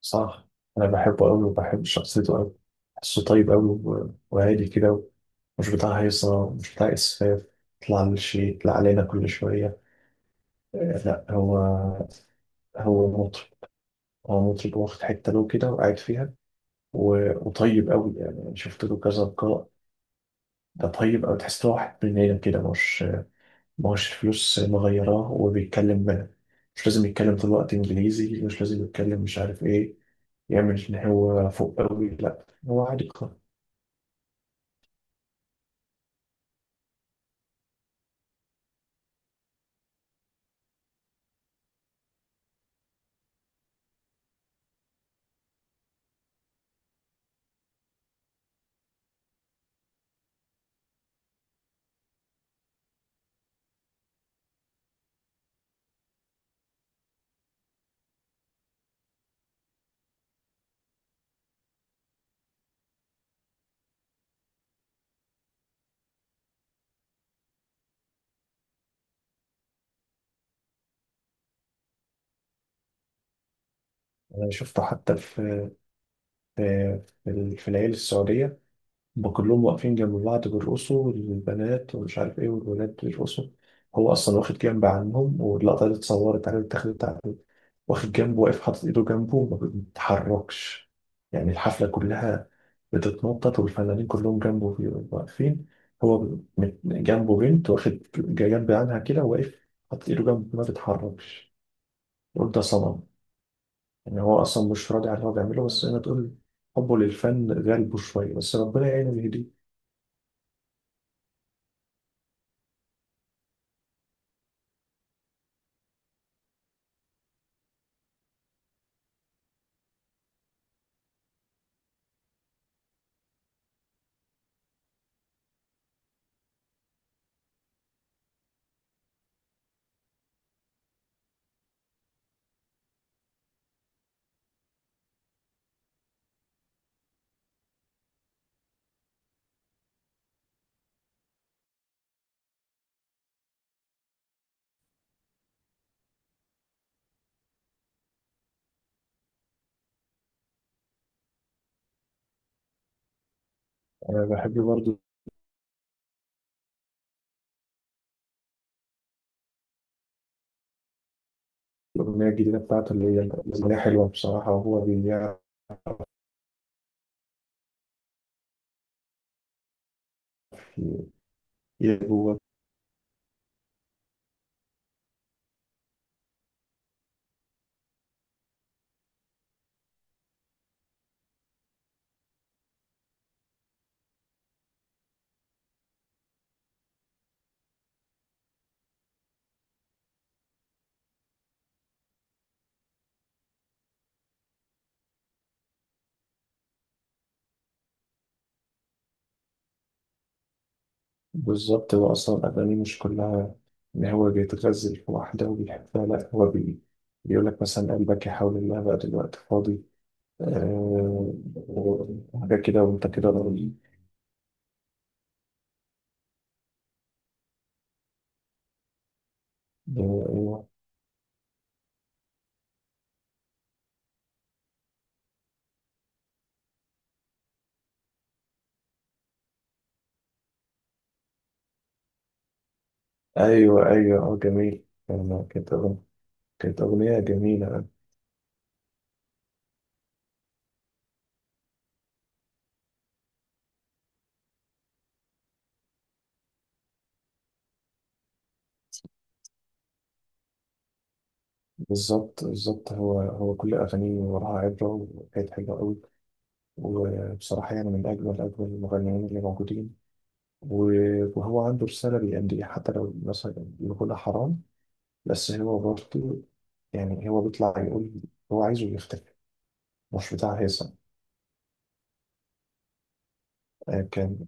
صح. انا بحبه قوي وبحب شخصيته قوي. بحسه طيب قوي وهادي كده. مش بتاع هيصه ومش بتاع اسفاف. يطلع للشيء يطلع علينا كل شويه. لا هو، هو مطرب. هو مطرب واخد حته له كده وقاعد فيها. وطيب قوي، يعني أنا شفت له كذا لقاء. ده طيب قوي، تحس إن هو واحد مننا كده. مش الفلوس مغيراه وبيتكلم بقى. مش لازم يتكلم طول الوقت انجليزي، مش لازم يتكلم مش عارف ايه، يعمل ان هو فوق قوي. لا هو عادي. أنا شفته حتى في العيال السعودية. هما كلهم واقفين جنب بعض بيرقصوا، البنات ومش عارف إيه والولاد بيرقصوا. هو أصلا واخد جنب عنهم، واللقطة اللي اتصورت عليه واتاخدت عليه، واخد جنبه واقف حاطط إيده جنبه ما بيتحركش. يعني الحفلة كلها بتتنطط والفنانين كلهم جنبه واقفين. هو جنبه بنت، واخد جنب عنها كده واقف حاطط إيده جنبه ما بيتحركش. قول ده صنم. ان هو اصلا مش راضي على اللي هو بيعمله، بس زي ما تقول حبه للفن غالبه شويه. بس ربنا يعينه ويهديه. انا بحب برضه الاغنيه الجديده بتاعته، اللي هي الاغنيه حلوه بصراحه، وهو بيعرف ي- يلعب هو. بالظبط، هو اصلا اغانيه مش كلها ان هو بيتغزل في واحده وبيحبها. لا هو بيقول لك مثلا قلبك يحاول الله، بقى دلوقتي فاضي آه، حاجه كده، وانت كده ضروري. آه، ايوه ايوه جميل. كانت كانت اغنيه جميله. بالظبط بالظبط، هو كل أغانيه وراها عبرة وحاجات حلوة أوي. وبصراحة يعني من أجمل أجمل المغنيين اللي موجودين. وهو عنده رسالة بيأديها، حتى لو مثلا يقولها حرام. بس هو برضه يعني هو بيطلع يقول. هو عايزه يختفي، مش بتاع هيثم. كان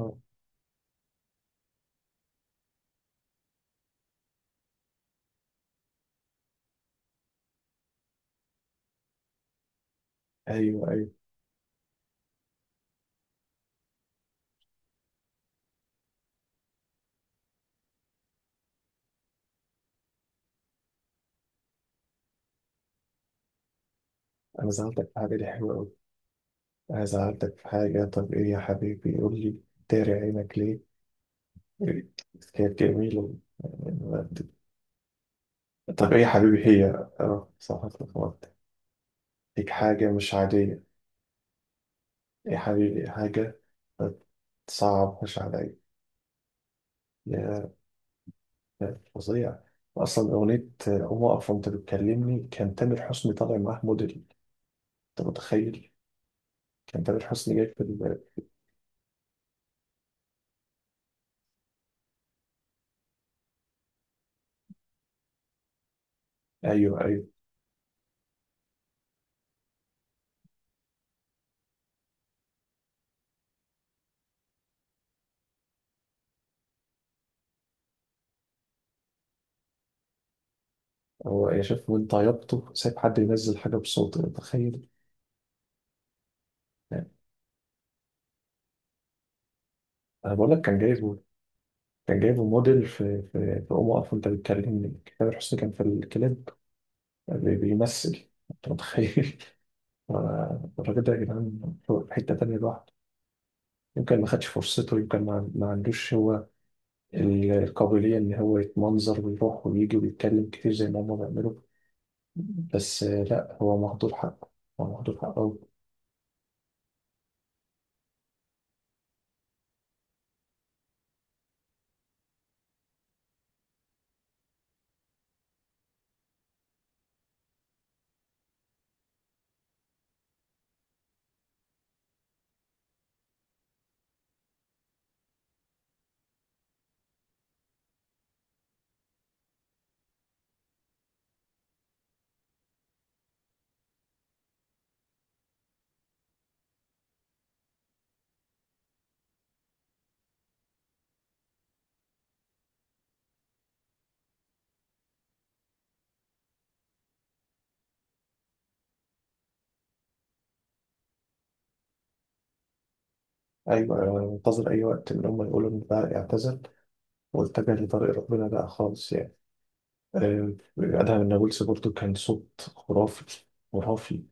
آه، أيوه أيوه. أنا زعلتك في حاجة دي حلوة أوي. أنا زعلتك في حاجة، طب إيه يا حبيبي يقول لي. داري عينك ليه، كانت جميلة. طب ايه يا حبيبي هي اه صح اتلخبطت. هيك حاجة مش عادية. إيه يا حبيبي إيه حاجة. صعب مش عليا. يا يا فظيع. أصلا أغنية قوم أقف وأنت بتكلمني، كان تامر حسني طالع معاه موديل، أنت متخيل؟ كان تامر حسني جاي أيوه أيوه. هو يا شيخ من طيبته سايب حد ينزل حاجة بصوته، أنت متخيل؟ يعني أنا بقول لك كان جايبه، كان جايبه موديل في في قوم أقف وأنت بتكلمني. تامر حسني كان في الكليب بيمثل، أنت متخيل؟ الراجل ده يا جدعان هو في حتة تانية لوحده. يمكن ما خدش فرصته، يمكن ما عندوش هو القابلية إن هو يتمنظر ويروح ويجي ويتكلم كتير زي ما هما بيعملوا. بس لا هو مهدور حقه. هو مهدور حقه أوي. أيوة أنا منتظر أي وقت إن هما يقولوا إن ده اعتزل واتجه لطريق ربنا بقى خالص يعني. أدهم نابلسي برضه كان صوت خرافي خرافي.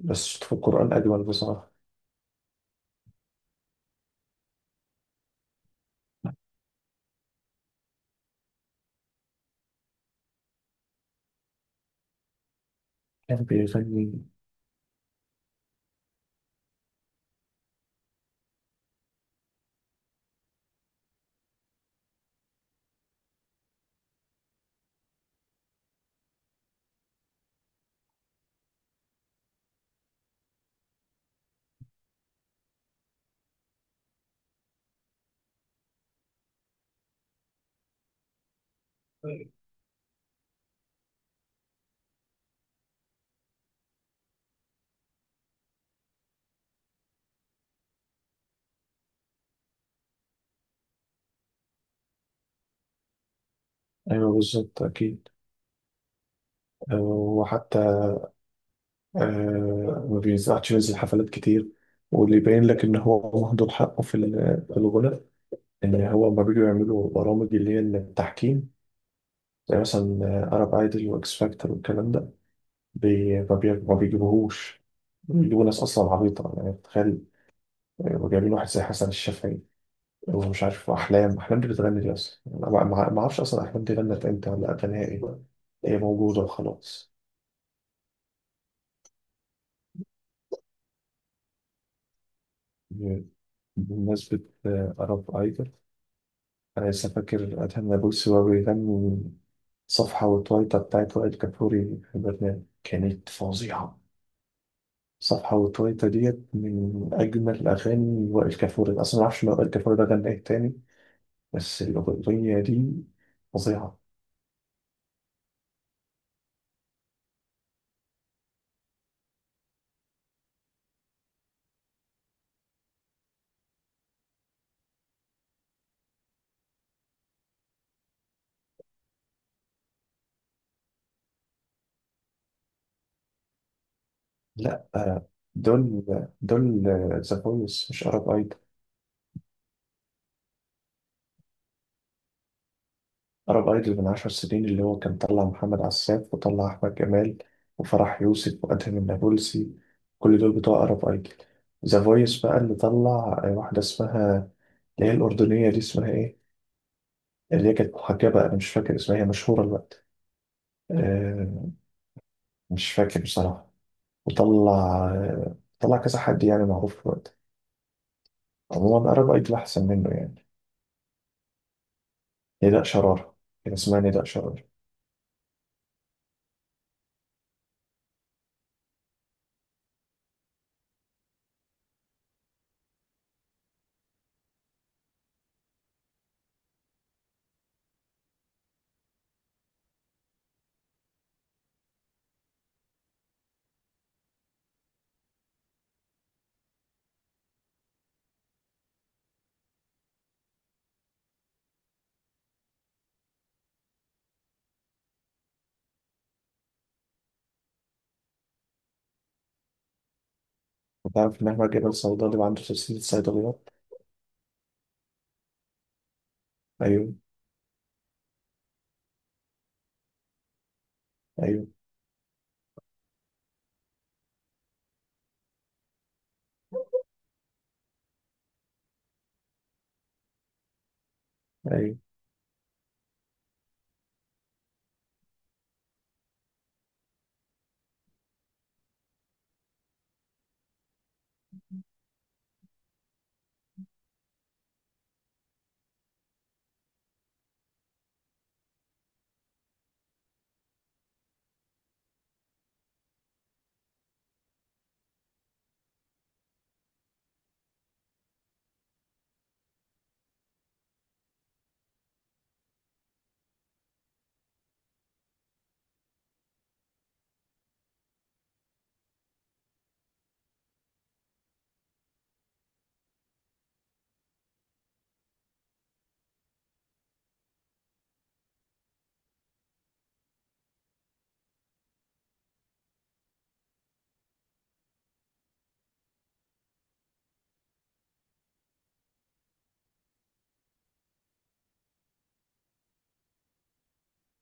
بس صوته في القرآن أجمل بصراحة. كان بيغني. أيوة بالظبط أكيد. وحتى ما بينزعش ينزل حفلات كتير. واللي يبين لك ان هو مهدور حقه في الغنى، ان هو لما بيجوا يعملوا برامج اللي هي التحكيم، زي مثلا ارب ايدل واكس فاكتور والكلام ده، ما بيجيبوهوش. بيجيبوا ناس اصلا عبيطه، يعني تخيل. جايبين واحد زي حسن الشافعي ومش عارف احلام، احلام دي بتغني؟ دي اصلا أنا ما اعرفش اصلا احلام دي غنت امتى ولا اغانيها ايه. هي موجوده وخلاص. بمناسبه ارب ايدل، أنا لسه فاكر أدهم نابلسي وهو بيغني صفحة وتويتا بتاعت وائل كفوري في البرنامج، كانت فظيعة. صفحة وتويتا ديت من أجمل أغاني وائل كفوري أصلا، معرفش لو وائل كفوري ده غنى إيه تاني، بس الأغنية دي فظيعة. لأ دول دول ذا فويس مش أرب أيدول. عرب ايدول من 10 سنين، اللي هو كان طلع محمد عساف وطلع احمد جمال وفرح يوسف وادهم النابلسي، كل دول بتوع عرب ايدول. ذا فويس بقى اللي طلع واحده اسمها، اللي هي الاردنيه دي اسمها ايه؟ اللي هي كانت محجبه، انا مش فاكر اسمها، هي مشهوره الوقت. آه، مش فاكر بصراحه. وطلع طلع كذا حد يعني معروف الوقت. عموما عرب ايدول احسن منه يعني. نداء شراره، كان اسمها نداء شراره. وتعرف ان احمد جمال صيدلي وعنده سلسله صيدليات؟ ايوه ايوه أيوه